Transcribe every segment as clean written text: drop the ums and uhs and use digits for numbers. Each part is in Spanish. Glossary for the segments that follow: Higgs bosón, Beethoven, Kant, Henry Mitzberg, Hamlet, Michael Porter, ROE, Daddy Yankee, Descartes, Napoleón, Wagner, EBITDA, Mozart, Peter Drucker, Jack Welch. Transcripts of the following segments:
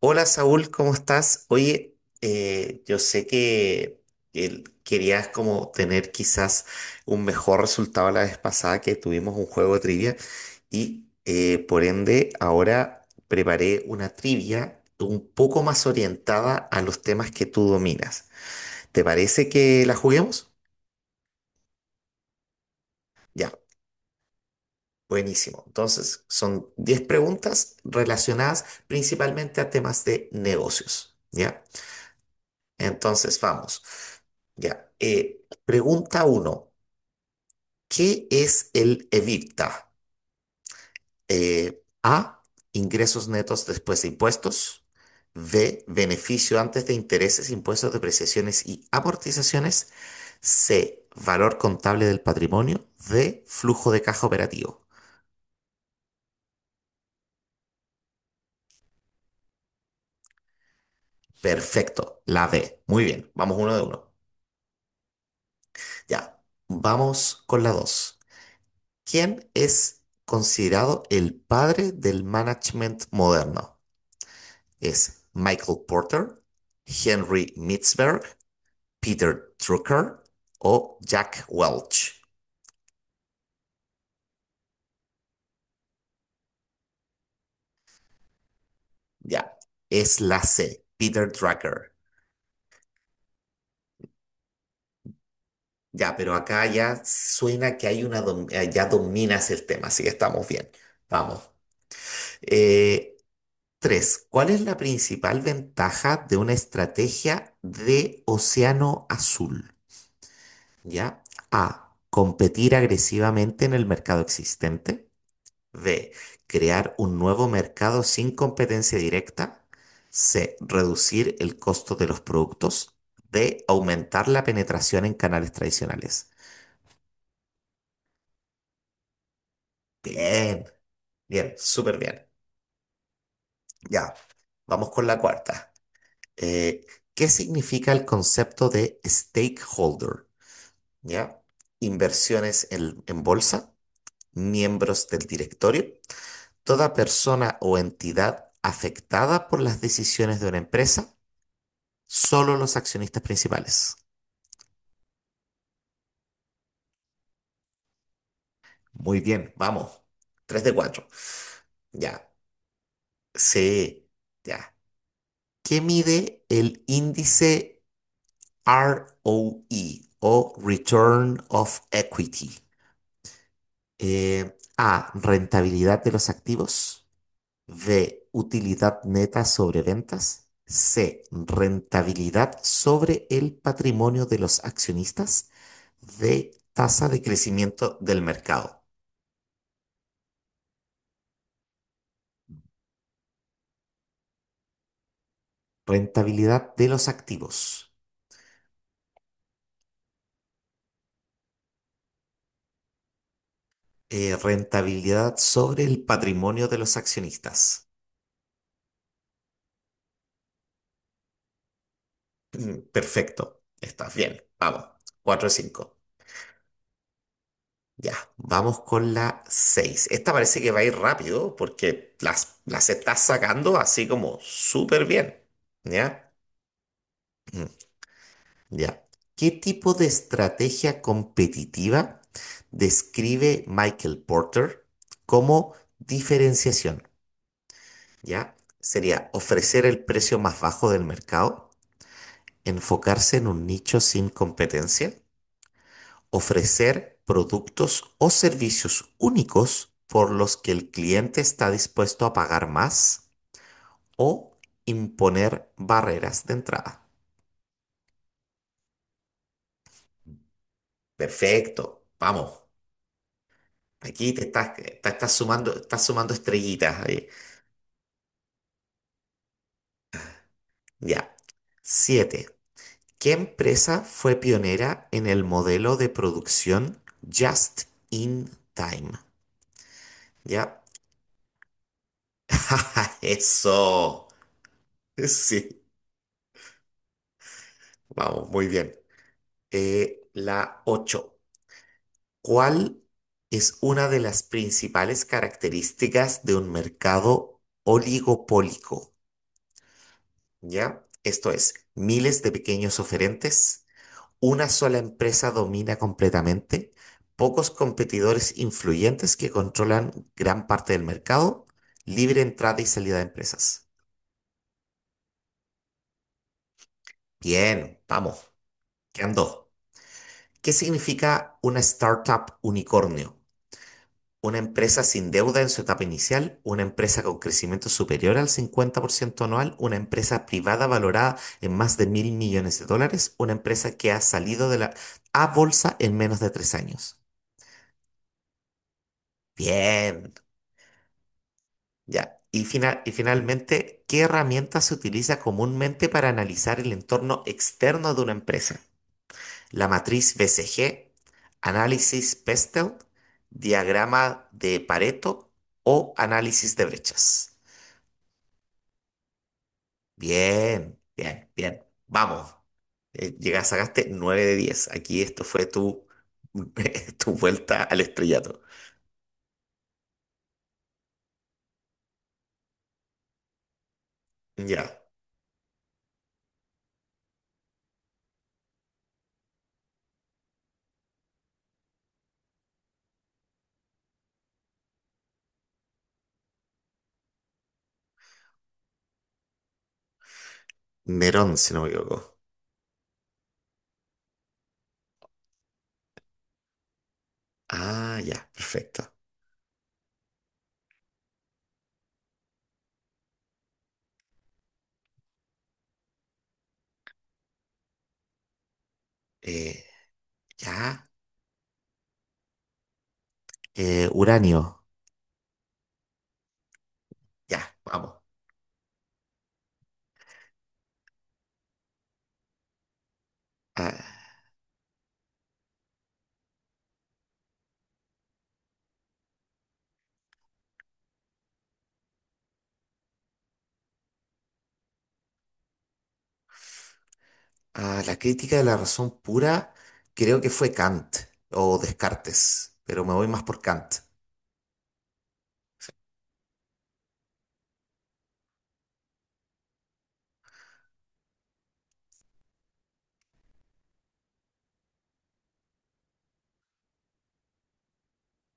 Hola Saúl, ¿cómo estás? Oye, yo sé que el- querías como tener quizás un mejor resultado la vez pasada que tuvimos un juego de trivia y por ende ahora preparé una trivia un poco más orientada a los temas que tú dominas. ¿Te parece que la juguemos? Ya, buenísimo. Entonces, son 10 preguntas relacionadas principalmente a temas de negocios, ¿ya? Entonces, vamos. Ya. Pregunta uno. ¿Qué es el EBITDA? A. Ingresos netos después de impuestos. B. Beneficio antes de intereses, impuestos, depreciaciones y amortizaciones. C. Valor contable del patrimonio. D. Flujo de caja operativo. Perfecto. La D. Muy bien. Vamos uno de uno. Ya. Vamos con la 2. ¿Quién es considerado el padre del management moderno? Es Michael Porter, Henry Mitzberg, Peter Drucker o Jack Welch. Ya, es la C, Peter Drucker. Ya, pero acá ya suena que hay una dom- ya dominas el tema, así que estamos bien. Vamos. Eh, Tres, ¿cuál es la principal ventaja de una estrategia de océano azul? Ya, A, competir agresivamente en el mercado existente. B. Crear un nuevo mercado sin competencia directa. C. Reducir el costo de los productos. D. Aumentar la penetración en canales tradicionales. Bien, bien, súper bien. Ya, vamos con la cuarta. Eh, ¿Qué significa el concepto de stakeholder? ¿Ya? Inversiones en bolsa, miembros del directorio, toda persona o entidad afectada por las decisiones de una empresa. Solo los accionistas principales. Muy bien, vamos. 3 de 4. Ya. Sí, ya. ¿Qué mide el índice ROE o E o Return of Equity? A. Rentabilidad de los activos. B. Utilidad neta sobre ventas. C. Rentabilidad sobre el patrimonio de los accionistas. D. Tasa de crecimiento del mercado. Rentabilidad de los activos. Rentabilidad sobre el patrimonio de los accionistas. Mm, perfecto. Estás bien. Vamos. Cuatro de cinco. Ya. Vamos con la 6. Esta parece que va a ir rápido porque las estás sacando así como súper bien. ¿Ya? Mm. Ya. ¿Qué tipo de estrategia competitiva describe Michael Porter como diferenciación? ¿Ya? Sería ofrecer el precio más bajo del mercado, enfocarse en un nicho sin competencia, ofrecer productos o servicios únicos por los que el cliente está dispuesto a pagar más o imponer barreras de entrada. Perfecto, vamos. Aquí te estás sumando estrellitas ahí. Ya. Siete. ¿Qué empresa fue pionera en el modelo de producción Just in Time? ¿Ya? Eso. Sí, vamos, muy bien. La 8. ¿Cuál es una de las principales características de un mercado oligopólico? ¿Ya? Esto es, miles de pequeños oferentes. Una sola empresa domina completamente, pocos competidores influyentes que controlan gran parte del mercado, libre entrada y salida de empresas. Bien, vamos, ¿qué andó? ¿Qué significa una startup unicornio? Una empresa sin deuda en su etapa inicial, una empresa con crecimiento superior al 50% anual, una empresa privada valorada en más de 1.000 millones de dólares, una empresa que ha salido de la A bolsa en menos de 3 años. Bien. Ya. Y, finalmente, ¿qué herramienta se utiliza comúnmente para analizar el entorno externo de una empresa? La matriz BCG, análisis Pestel, diagrama de Pareto o análisis de brechas. Bien, bien, bien. Vamos. Llegaste, sacaste 9 de 10. Aquí esto fue tu, tu vuelta al estrellato. Ya. Nerón, si no me equivoco. Ah, ya, perfecto. Eh, ya. Uranio. Ya, vamos. A, a la crítica de la razón pura, creo que fue Kant o Descartes, pero me voy más por Kant.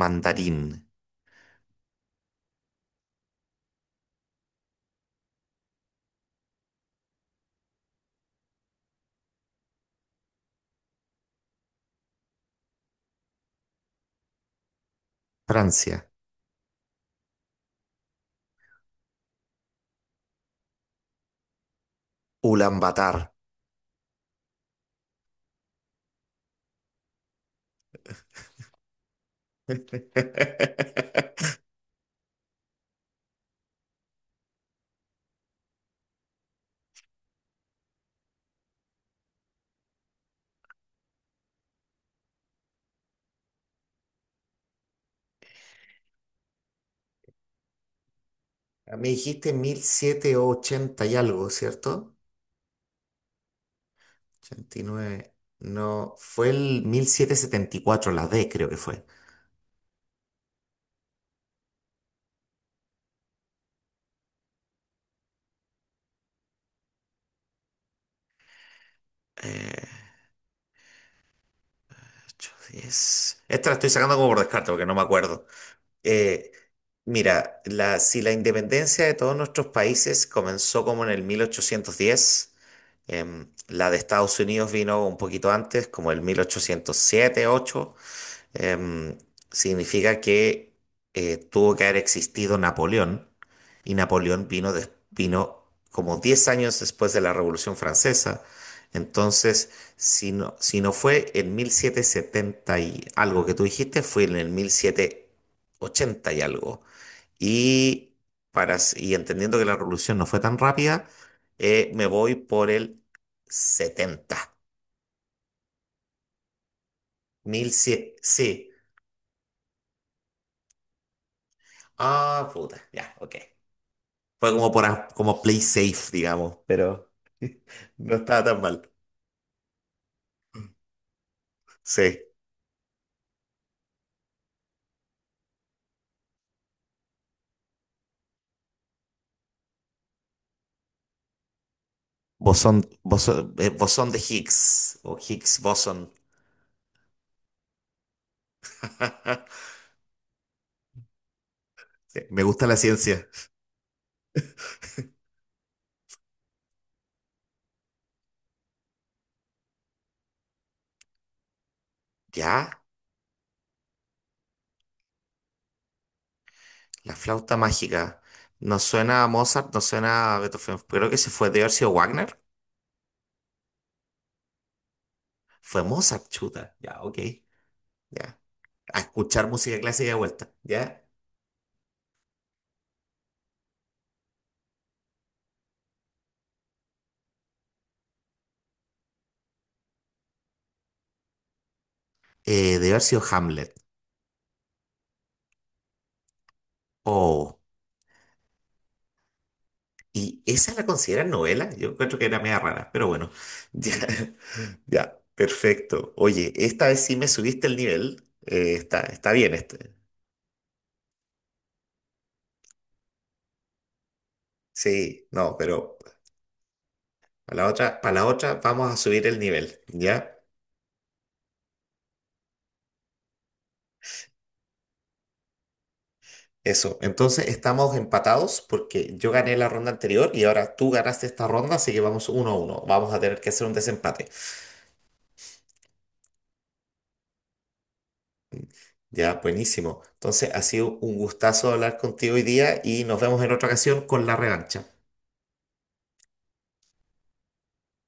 Mandarín, Francia, Ulaanbaatar. Me dijiste mil setecientos ochenta y algo, ¿cierto? 89. No, fue el 1774 la D creo que fue. Eh, 8, 10. Esta la estoy sacando como por descarte porque no me acuerdo. Eh, Mira, la, si la independencia de todos nuestros países comenzó como en el 1810, la de Estados Unidos vino un poquito antes, como el 1807 ocho. em, Significa que tuvo que haber existido Napoleón y Napoleón vino como 10 años después de la Revolución Francesa. Entonces, si no, si no fue en mil setecientos setenta y algo que tú dijiste, fue en el mil setecientos ochenta y algo. Y, para, y entendiendo que la revolución no fue tan rápida, me voy por el setenta mil 1100. Sí. Ah, puta. Ya, ok. Fue como por a- como play safe, digamos, pero no estaba tan mal. Sí. Bosón, bosón, bosón de Higgs o Higgs bosón. Sí, me gusta la ciencia. Ya, la flauta mágica. No suena a Mozart, no suena a Beethoven. Creo que se fue de haber sido Wagner. Fue Mozart, chuta. Ya, ok. Ya. A escuchar música clásica de vuelta. Ya. De haber sido Hamlet. Oh. ¿Y esa la consideran novela? Yo encuentro que era media rara, pero bueno. Ya. Ya, perfecto. Oye, esta vez sí me subiste el nivel. Está bien este. Sí, no, pero para la otra vamos a subir el nivel, ¿ya? Eso. Entonces estamos empatados porque yo gané la ronda anterior y ahora tú ganaste esta ronda, así que vamos uno a uno. Vamos a tener que hacer un desempate. Ya, buenísimo. Entonces ha sido un gustazo hablar contigo hoy día y nos vemos en otra ocasión con la revancha.